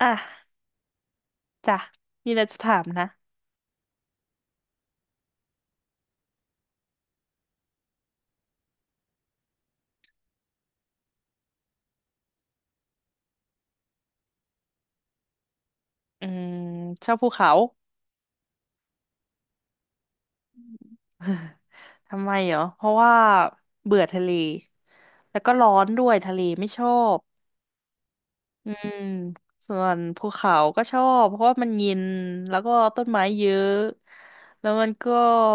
อ่ะจ้ะมีอะไรจะถามนะอืมชอบภูเขา ทำไมเหรอเพราะว่าเบื่อทะเลแล้วก็ร้อนด้วยทะเลไม่ชอบอืมส่วนภูเขาก็ชอบเพราะว่ามันเย็นแล้วก็ต้นไม้เยอะแล้วมันก็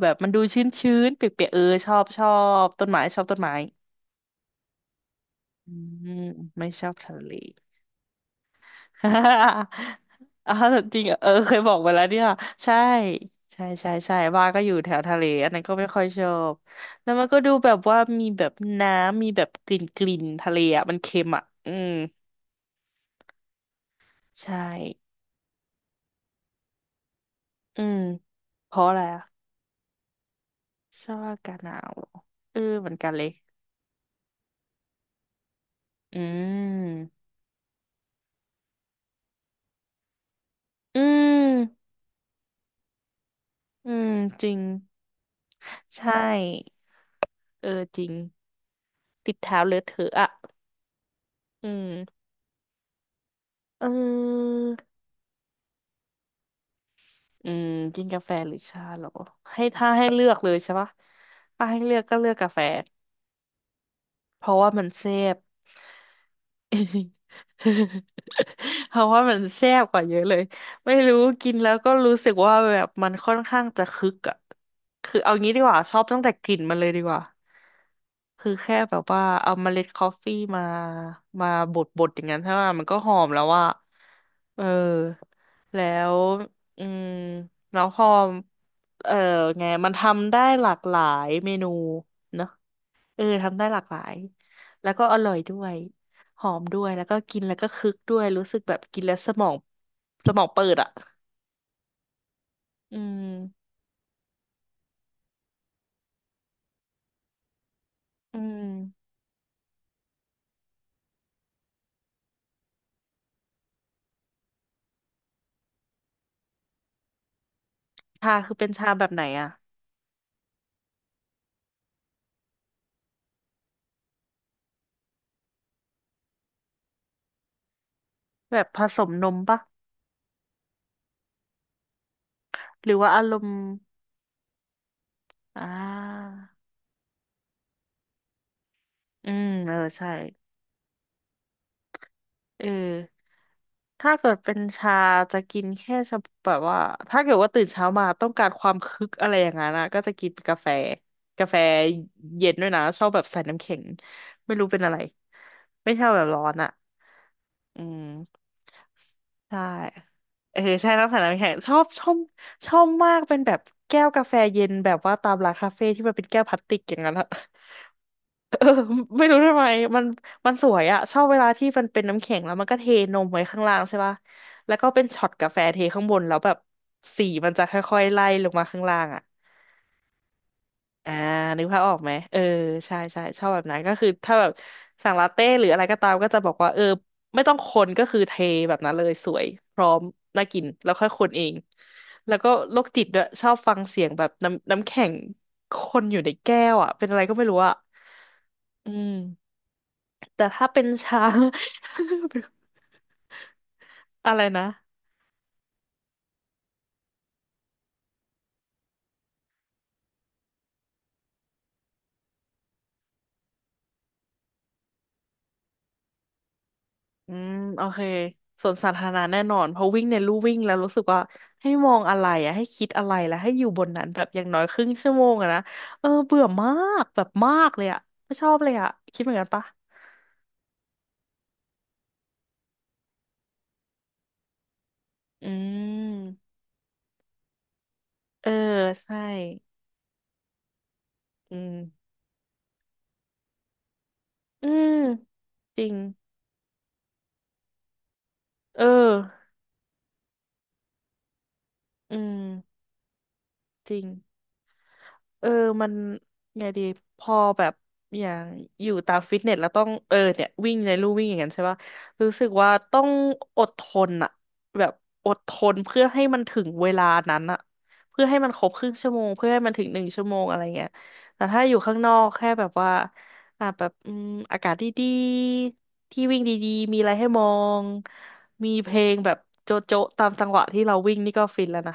แบบมันดูชื้นชื้นเปียกๆเออชอบชอบต้นไม้ชอบต้นไม้อืมไม่ชอบทะเล อ๋อจริงเหรอเออเคยบอกไปแล้วเนี่ยใช่ใช่ใช่ใช่บ้านก็อยู่แถวทะเลอันนั้นก็ไม่ค่อยชอบแล้วมันก็ดูแบบว่ามีแบบน้ำมีแบบกลิ่นทะเลอ่ะมันเค็มอ่ะอืมใช่อืมเพราะอะไรอ่ะชอบอากาศหนาวเหรอเออเหมือนกันเลยอืมอืมอืมจริงใช่เออจริงติดเท้าเลอะเทอะอ่ะอืมเออ อืมกินกาแฟหรือชาเหรอให้ถ้าให้เลือกเลยใช่ปะถ้าให้เลือกก็เลือกกาแฟเพราะว่ามันเซฟ เพราะว่ามันแซ่บกว่าเยอะเลยไม่รู้กินแล้วก็รู้สึกว่าแบบมันค่อนข้างจะคึกอะคือเอางี้ดีกว่าชอบตั้งแต่กลิ่นมันเลยดีกว่าคือแค่แบบว่าเอาเมล็ดกาแฟมามาบดบดอย่างนั้นใช่ไหมมันก็หอมแล้วว่าเออแล้วอืมแล้วพอเออไงมันทำได้หลากหลายเมนู เออทำได้หลากหลายแล้วก็อร่อยด้วยหอมด้วยแล้วก็กินแล้วก็คึกด้วยรู้สึกแบบกินแล้วสมองสมองเปิดอ่ะอืมอืมชาคือเป็นชาแบบไหนอ่ะแบบผสมนมปะหรือว่าอารมณ์อ่าอืมเออใช่เออ ถ้าเกิดเป็นชาจะกินแค่เฉพาะแบบว่าถ้าเกิดว่าตื่นเช้ามาต้องการความคึกอะไรอย่างนั้นนะก็จะกินกาแฟกาแฟเย็นด้วยนะชอบแบบใส่น้ำแข็งไม่รู้เป็นอะไรไม่ชอบแบบร้อนอ่ะอืมใช่เออใช่น้ำใส่น้ำแข็งชอบชอบชอบมากเป็นแบบแก้วกาแฟเย็นแบบว่าตามร้านคาเฟ่ที่มันเป็นแก้วพลาสติกอย่างนั้นอะ เออ ไม่รู้ทำไมมันมันสวยอะชอบเวลาที่มันเป็นน้ำแข็งแล้วมันก็เทนมไว้ข้างล่างใช่ป่ะแล้วก็เป็นช็อตกาแฟเทข้างบนแล้วแบบสีมันจะค่อยๆไล่ลงมาข้างล่างอะอ่านึกภาพออกไหมเออใช่ใช่ชอบแบบนั้นก็คือถ้าแบบสั่งลาเต้หรืออะไรก็ตามก็จะบอกว่าเออไม่ต้องคนก็คือเทแบบนั้นเลยสวยพร้อมน่ากินแล้วค่อยคนเองแล้วก็โรคจิตด้วยชอบฟังเสียงแบบน้ำน้ำแข็งคนอยู่ในแก้วอะเป็นอะไรก็ไม่รู้อะอืม แต่ถ้าเป็นช้าง อะไรนะอืมโอเคสวนสาธารณะแน่นอนเพราะวิ่งในลู่วิ่งแล้วรู้สึกว่าให้มองอะไรอะให้คิดอะไรแล้วให้อยู่บนนั้นแบบอย่างน้อยครึ่งชั่วโมงอะนะเออเบื่อมากแบบมากเลยอะไม่ชอบเลยอะคิดเหมือนกันปะอืมเออใช่อืมอืมจริงเอออืมจริง เออมันไงดีพอแบบอย่างอยู่ตามฟิตเนสแล้วต้องเออเนี่ยวิ่งในลู่วิ่งอย่างนั้นใช่ป่ะรู้สึกว่าต้องอดทนอะแบบอดทนเพื่อให้มันถึงเวลานั้นอะเพื่อให้มันครบครึ่งชั่วโมงเพื่อให้มันถึง1 ชั่วโมงอะไรเงี้ยแต่ถ้าอยู่ข้างนอกแค่แบบว่าอ่ะแบบอืมอากาศดีๆที่วิ่งดีๆมีอะไรให้มองมีเพลงแบบโจ๊ะๆตามจังหวะที่เราวิ่งนี่ก็ฟินแล้วนะ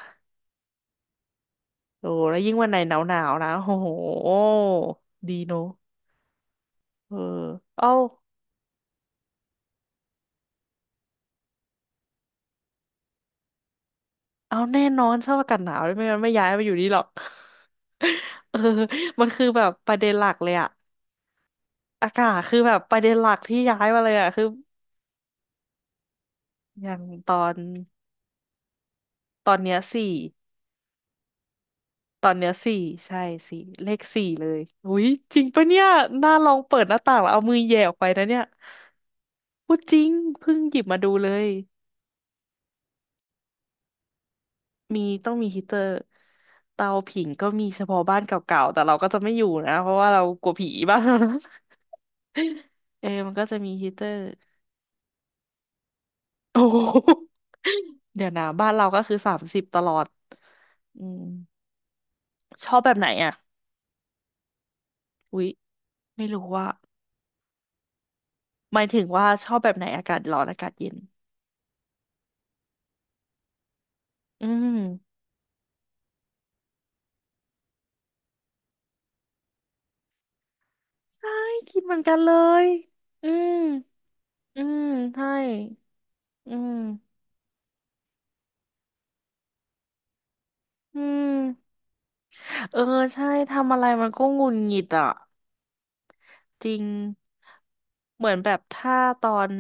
โอ้แล้วยิ่งวันไหนหนาวหนาวนะโอ้โหดีเนอะเออเอาเอาแน่นอนชอบอากาศหนาวไม่งั้นไม่ย้ายมาอยู่นี่หรอก เออมันคือแบบประเด็นหลักเลยอะอากาศคือแบบประเด็นหลักที่ย้ายมาเลยอะคืออย่างตอนตอนเนี้ยสี่ตอนเนี้ยสี่ใช่สี่เลขสี่เลยอุ้ยจริงปะเนี่ยน่าลองเปิดหน้าต่างแล้วเอามือแหย่ออกไปนะเนี่ยพูดจริงเพิ่งหยิบมาดูเลย มีต้องมีฮีเตอร์เตาผิงก็มีเฉพาะบ้านเก่าๆแต่เราก็จะไม่อยู่นะเพราะว่าเรากลัวผีบ้านเรานะ เออมันก็จะมีฮีเตอร์โอ้โห เดี๋ยวนะบ้านเราก็คือ30ตลอดอืมชอบแบบไหนอ่ะอุ๊ยไม่รู้ว่าหมายถึงว่าชอบแบบไหนอากาศร้อนอากาศเย็นอืมใช่คิดเหมือนกันเลยอืมอืมใช่อืมอืมเออใช่ทำอะไรมันก็หงุดหงิดอ่ะ จริงเหมือนแบบถ้าตอน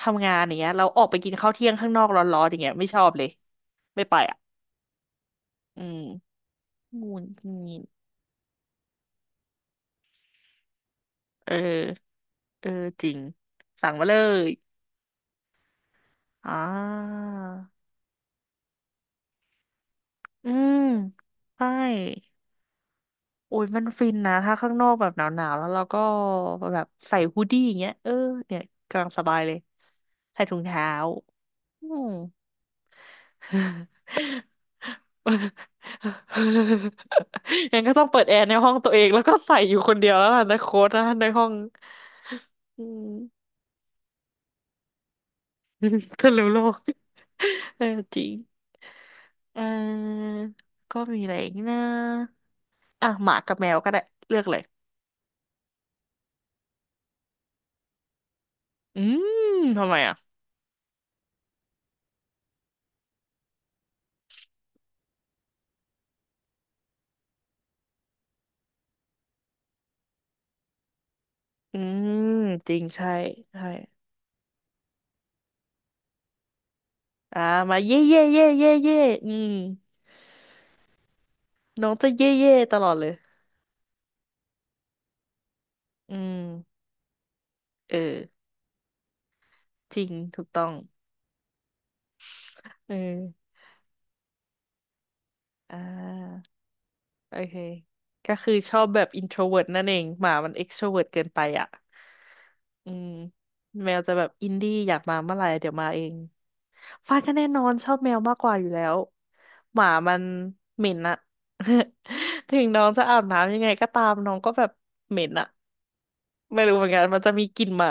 ทำงานอย่างเงี้ยเราออกไปกินข้าวเที่ยงข้างนอกร้อนๆอย่างเงี้ยไม่ชอบเลยไม่ไปอ่ะอืมงูนงีนเออเออจริงสั่งมาเลยอ่าอืมใช่โอ้ยมันฟินนะถ้าข้างนอกแบบหนาวๆแล้วเราก็แบบใส่ฮูดดี้อย่างเงี้ยเออเนี่ยกำลังสบายเลยใส่ถุงเท้าอืม งั้นก็ต้องเปิดแอร์ในห้องตัวเองแล้วก็ใส่อยู่คนเดียวแล้วล่ะในโค้ดนะในห้อง อืมคนรู้โลก เออจริงเออก็มีอะไรอีกนะอ่ะหมากับแมวก็ได้เลือกเลยอืมทำไมอ่ะอืมจริงใช่ใช่อ่ามาเย่เย่เย่เย่เย่อืมน้องจะเย่เย่ตลอดเลยอืมเออจริงถูกต้อง เอออ่า โอเค ก็คือชอบแบบ introvert นั่นเองหมามัน extrovert เกินไปอ่ะ อืมแมวจะแบบอินดี้อยากมาเมื่อไหร่เดี๋ยวมาเองฟ้าก็แน่นอนชอบแมวมากกว่าอยู่แล้วหมามันเหม็นอะ ถึงน้องจะอาบน้ำยังไงก็ตามน้องก็แบบเหม็นอะไม่รู้เหมือนกันมันจะมีกลิ่นหมา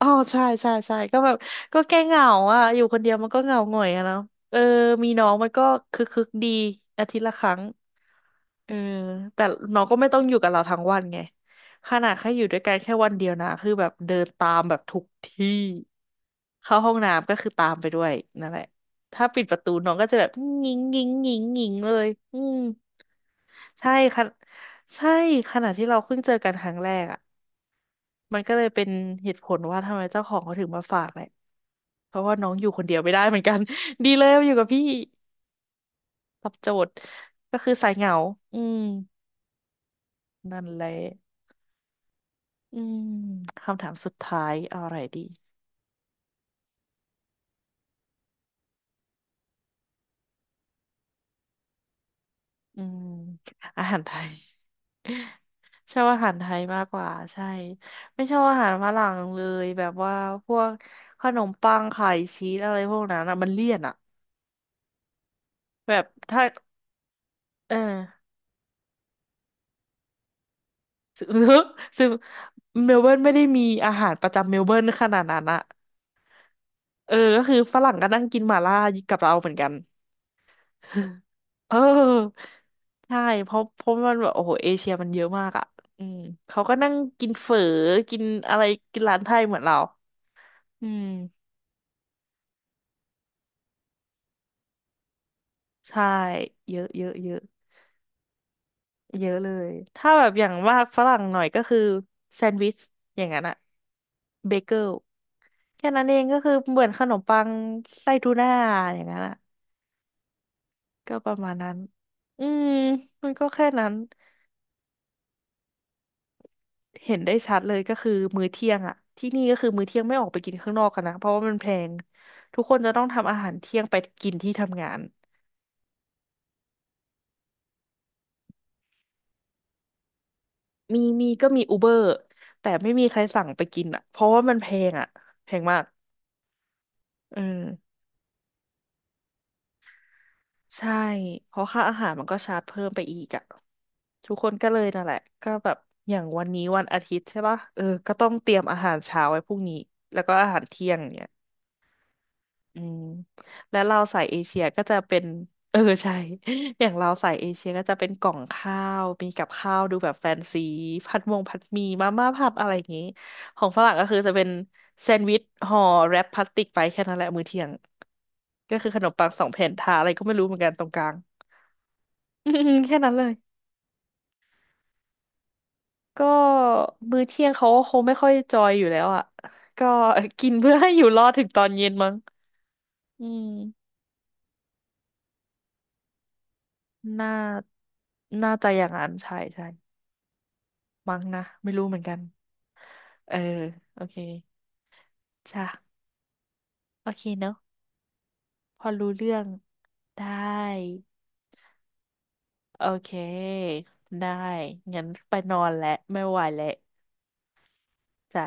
อ๋อใช่ใช่ใช่ก็แบบก็แก้เหงาอ่ะอยู่คนเดียวมันก็เหงาหงอยอะเนาะเออมีน้องมันก็คึกคึกดีอาทิตย์ละครั้งเออแต่น้องก็ไม่ต้องอยู่กับเราทั้งวันไงขนาดแค่อยู่ด้วยกันแค่วันเดียวนะคือแบบเดินตามแบบทุกที่เข้าห้องน้ำก็คือตามไปด้วยนั่นแหละถ้าปิดประตูน้องก็จะแบบงิงงิงงิงงิงเลยอืมใช่ค่ะใช่ขณะที่เราเพิ่งเจอกันครั้งแรกอะ มันก็เลยเป็นเหตุผลว่าทำไมเจ้าของเขาถึงมาฝากแหละเพราะว่าน้องอยู่คนเดียวไม่ได้เหมือนกัน ดีเลยมาอยู่กับพี่รับโจทย์ก็คือสายเหงาอืมนั่นแหละอืมคำถามสุดท้ายเอาอะไรดีอืมอาหารไทย ชอบอาหารไทยมากกว่าใช่ ไม่ชอบอาหารฝรั่งเลยแบบว่าพวกขนมปังไข่ชีสอะไรพวกนั้นอะมันเลี่ยนอะแบบถ้าเออ ซึ่ง ซึ่งเมลเบิร์นไม่ได้มีอาหารประจำเมลเบิร์นขนาดนั้นอะเออก็คือฝรั่งก็นั่งกินหม่าล่ากับเราเหมือนกัน เออใช่เพราะมันแบบโอ้โหเอเชียมันเยอะมากอ่ะอืมเขาก็นั่งกินเฝอกินอะไรกินร้านไทยเหมือนเราอืมใช่เยอะเยอะเยอะเยอะเลยถ้าแบบอย่างว่าฝรั่งหน่อยก็คือแซนด์วิชอย่างนั้นอะเบเกิลแค่นั้นเองก็คือเหมือนขนมปังไส้ทูน่าอย่างนั้นอะ ก็ประมาณนั้น อืมมันก็แค่นั้นเห็นได้ชัดเลยก็คือมื้อเที่ยงอะ ที่นี่ก็คือมื้อเที่ยงไม่ออกไปกินข้างนอกกันนะ เพราะว่ามันแพงทุกคนจะต้องทำอาหารเที่ยงไปกินที่ทำงาน มีมีก็มีอูเบอร์แต่ไม่มีใครสั่งไปกินอะเพราะว่ามันแพงอะแพงมากอืมใช่เพราะค่าอาหารมันก็ชาร์จเพิ่มไปอีกอะ ทุกคนก็เลยนั่นแหละก็แบบอย่างวันนี้วันอาทิตย์ใช่ปะเออก็ต้องเตรียมอาหารเช้าไว้พรุ่งนี้แล้วก็อาหารเที่ยงเนี่ย อืมแล้วเราสายเอเชียก็จะเป็น เออใช่ อย่างเราสายเอเชียก็จะเป็นกล่องข้าวมีกับข้าวดูแบบแฟนซีผัดมงผัดหมี่มาม่าผัดอะไรอย่างงี้ของฝรั่งก็คือจะเป็นแซนด์วิชห่อแรปพลาสติกไปแค่นั้นแหละมื้อเที่ยงก็คือขนมปังสองแผ่นทาอะไรก็ไม่รู้เหมือนกันตรงกลาง อืมๆแค่นั้นเลยก็มื้อเที่ยงเขาก็คงไม่ค่อยจอยอยู่แล้วอ่ะก็ กินเพื่อให้อยู่รอดถึงตอนเย็นมั้งอืม น่า น่าจะอย่างนั้นใช่ใช่ มั้งนะ ไม่รู้เหมือนกัน เออ โอเค จ้ะโอเคเนอะพอรู้เรื่อง ได้ โอเค ได้งั้นไปนอนแล้ว ไม่ไหวแล้ว จ้า